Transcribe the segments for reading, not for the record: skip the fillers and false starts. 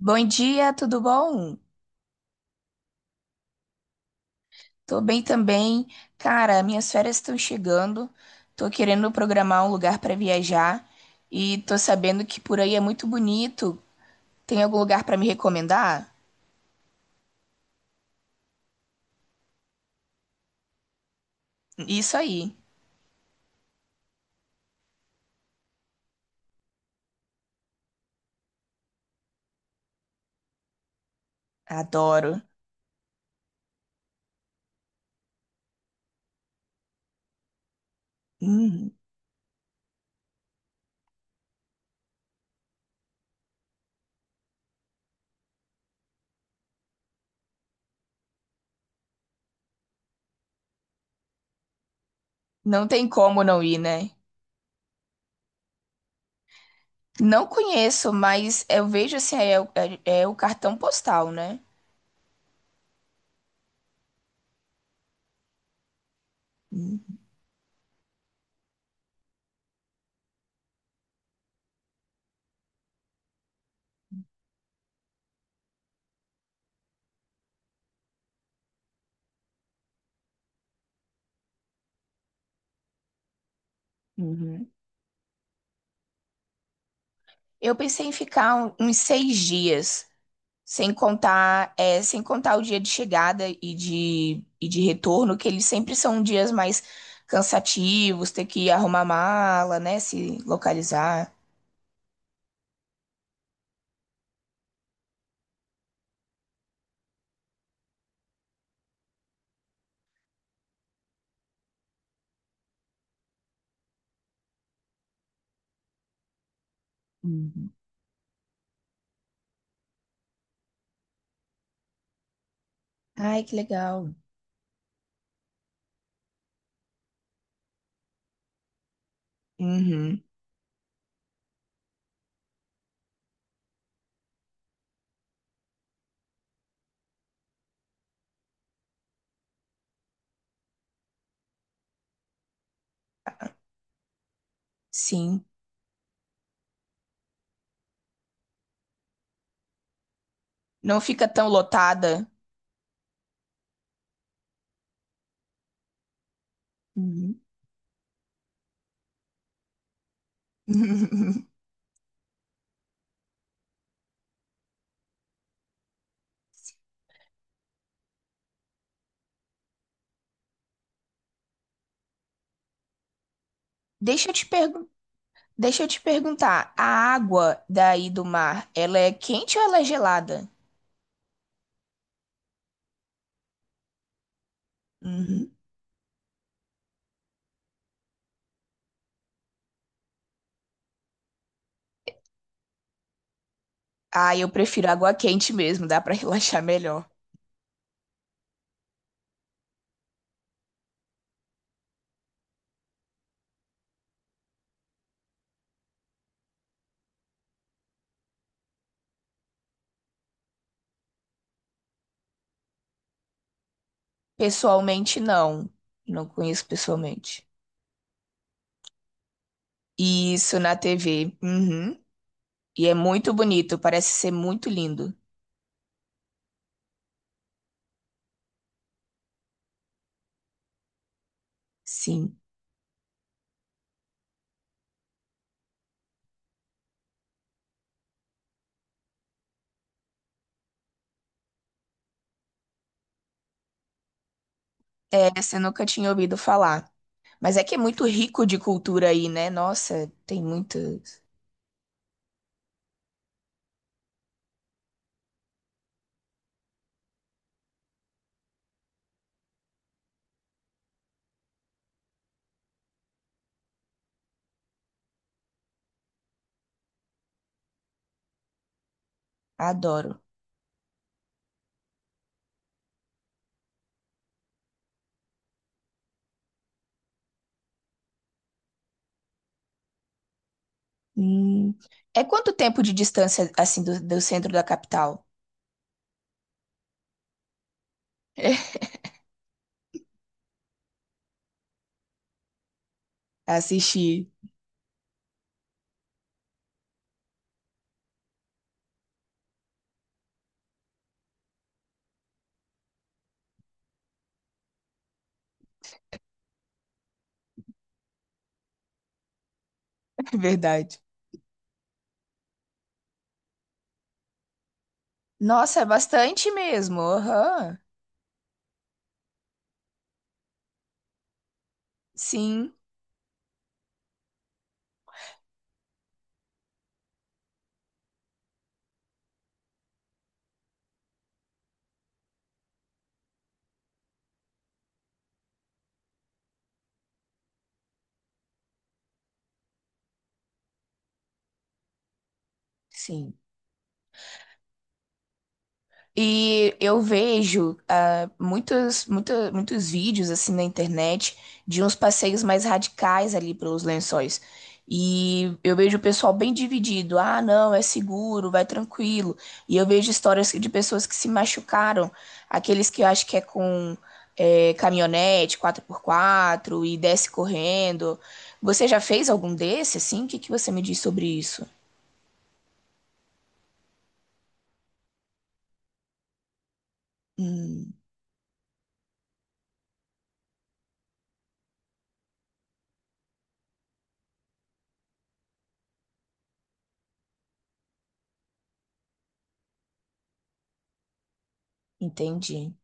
Bom dia, tudo bom? Tô bem também. Cara, minhas férias estão chegando. Tô querendo programar um lugar pra viajar e tô sabendo que por aí é muito bonito. Tem algum lugar pra me recomendar? Isso aí. Adoro. Hum. Não tem como não ir, né? Não conheço, mas eu vejo assim, é o cartão postal, né? Uhum. Eu pensei em ficar uns 6 dias. Sem contar o dia de chegada e de retorno, que eles sempre são dias mais cansativos, ter que arrumar mala, né? Se localizar. Uhum. Ai, que legal. Uhum, sim. Não fica tão lotada. Uhum. Deixa eu te pergun- Deixa eu te perguntar, a água daí do mar, ela é quente ou ela é gelada? Uhum. Ah, eu prefiro água quente mesmo, dá pra relaxar melhor. Pessoalmente, não. Não conheço pessoalmente. Isso na TV. Uhum. E é muito bonito, parece ser muito lindo. Sim. É, essa eu nunca tinha ouvido falar. Mas é que é muito rico de cultura aí, né? Nossa, tem muito. Adoro. Hum. É quanto tempo de distância, assim, do centro da capital? Assistir. É verdade. Nossa, é bastante mesmo. Aham. Sim, sim. E eu vejo muitos, muitos vídeos assim na internet de uns passeios mais radicais ali pelos Lençóis. E eu vejo o pessoal bem dividido. Ah, não, é seguro, vai tranquilo. E eu vejo histórias de pessoas que se machucaram, aqueles que eu acho que é com caminhonete 4x4 e desce correndo. Você já fez algum desse assim? O que que você me diz sobre isso? Entendi.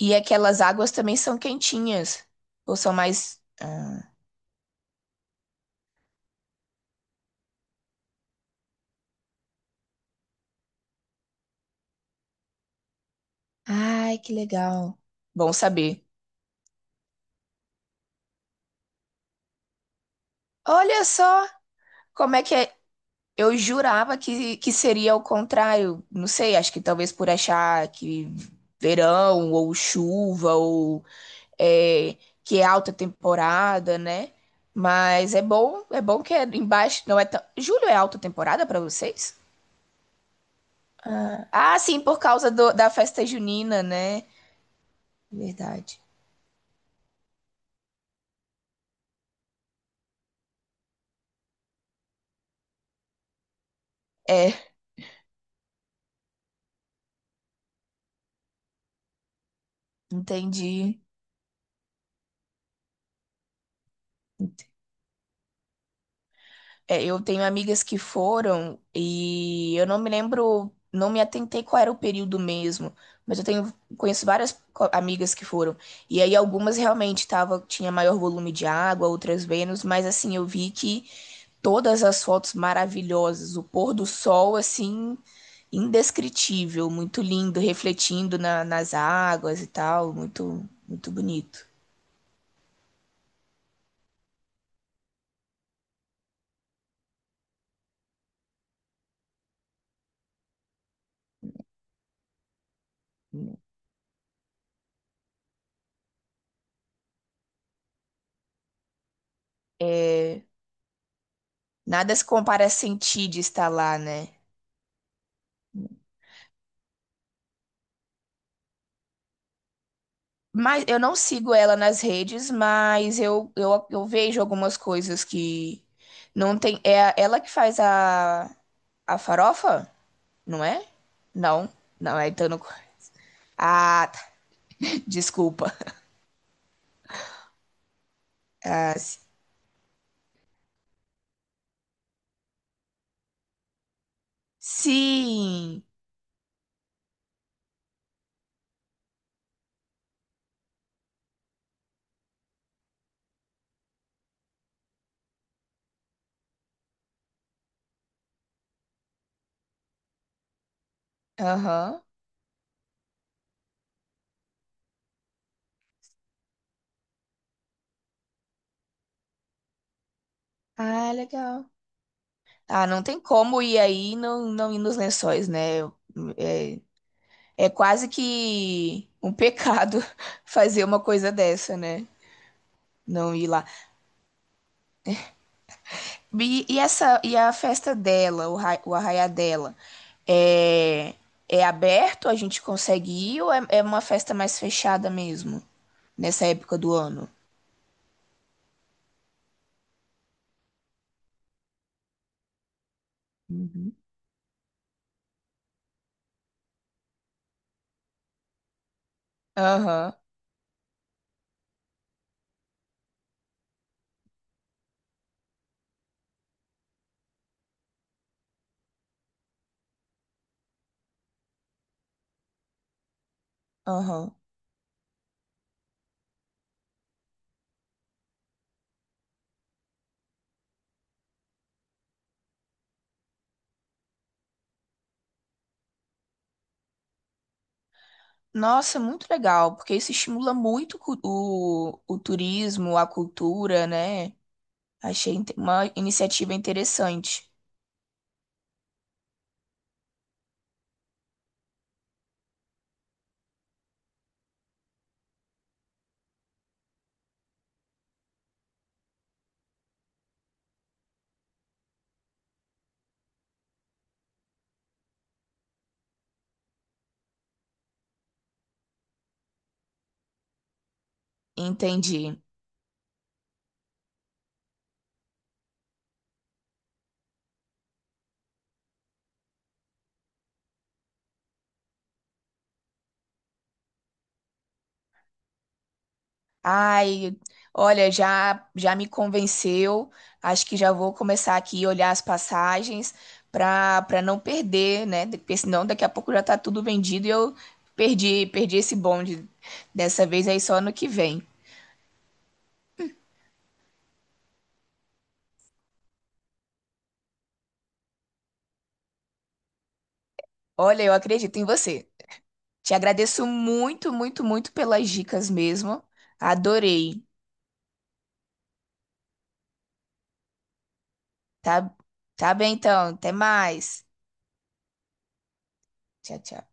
E aquelas águas também são quentinhas. Ou são mais. Ah. Ai, que legal. Bom saber. Olha só como é que é. Eu jurava que seria o contrário. Não sei, acho que talvez por achar que verão ou chuva ou é, que é alta temporada, né? Mas é bom que é embaixo. Não é tão... Julho é alta temporada para vocês? Ah, Ah, sim, por causa da festa junina, né? Verdade. É. Entendi. É, eu tenho amigas que foram e eu não me lembro, não me atentei qual era o período mesmo, mas eu tenho conheço várias amigas que foram. E aí algumas realmente tinha maior volume de água, outras menos, mas assim, eu vi que todas as fotos maravilhosas, o pôr do sol assim indescritível, muito lindo, refletindo nas águas e tal, muito muito bonito. É, nada se compara a sentir de estar lá, né? Mas eu não sigo ela nas redes, mas eu vejo algumas coisas que não tem. Ela que faz a farofa, não é? Não, não é então. Ah, tá. Desculpa. Ah, sim. Aham. Ah, legal. Ah, não tem como ir aí e não, não ir nos lençóis, né? É, é quase que um pecado fazer uma coisa dessa, né? Não ir lá. E essa, e a festa dela, o arraiá dela, é, é aberto? A gente consegue ir ou é uma festa mais fechada mesmo, nessa época do ano? Uhum. Aham, aham. Nossa, muito legal, porque isso estimula muito o turismo, a cultura, né? Achei uma iniciativa interessante. Entendi. Ai, olha, já já me convenceu. Acho que já vou começar aqui a olhar as passagens para não perder, né? Porque senão daqui a pouco já tá tudo vendido e eu perdi esse bonde dessa vez aí só no que vem. Olha, eu acredito em você. Te agradeço muito, muito, muito pelas dicas mesmo. Adorei. Tá, tá bem então. Até mais. Tchau, tchau.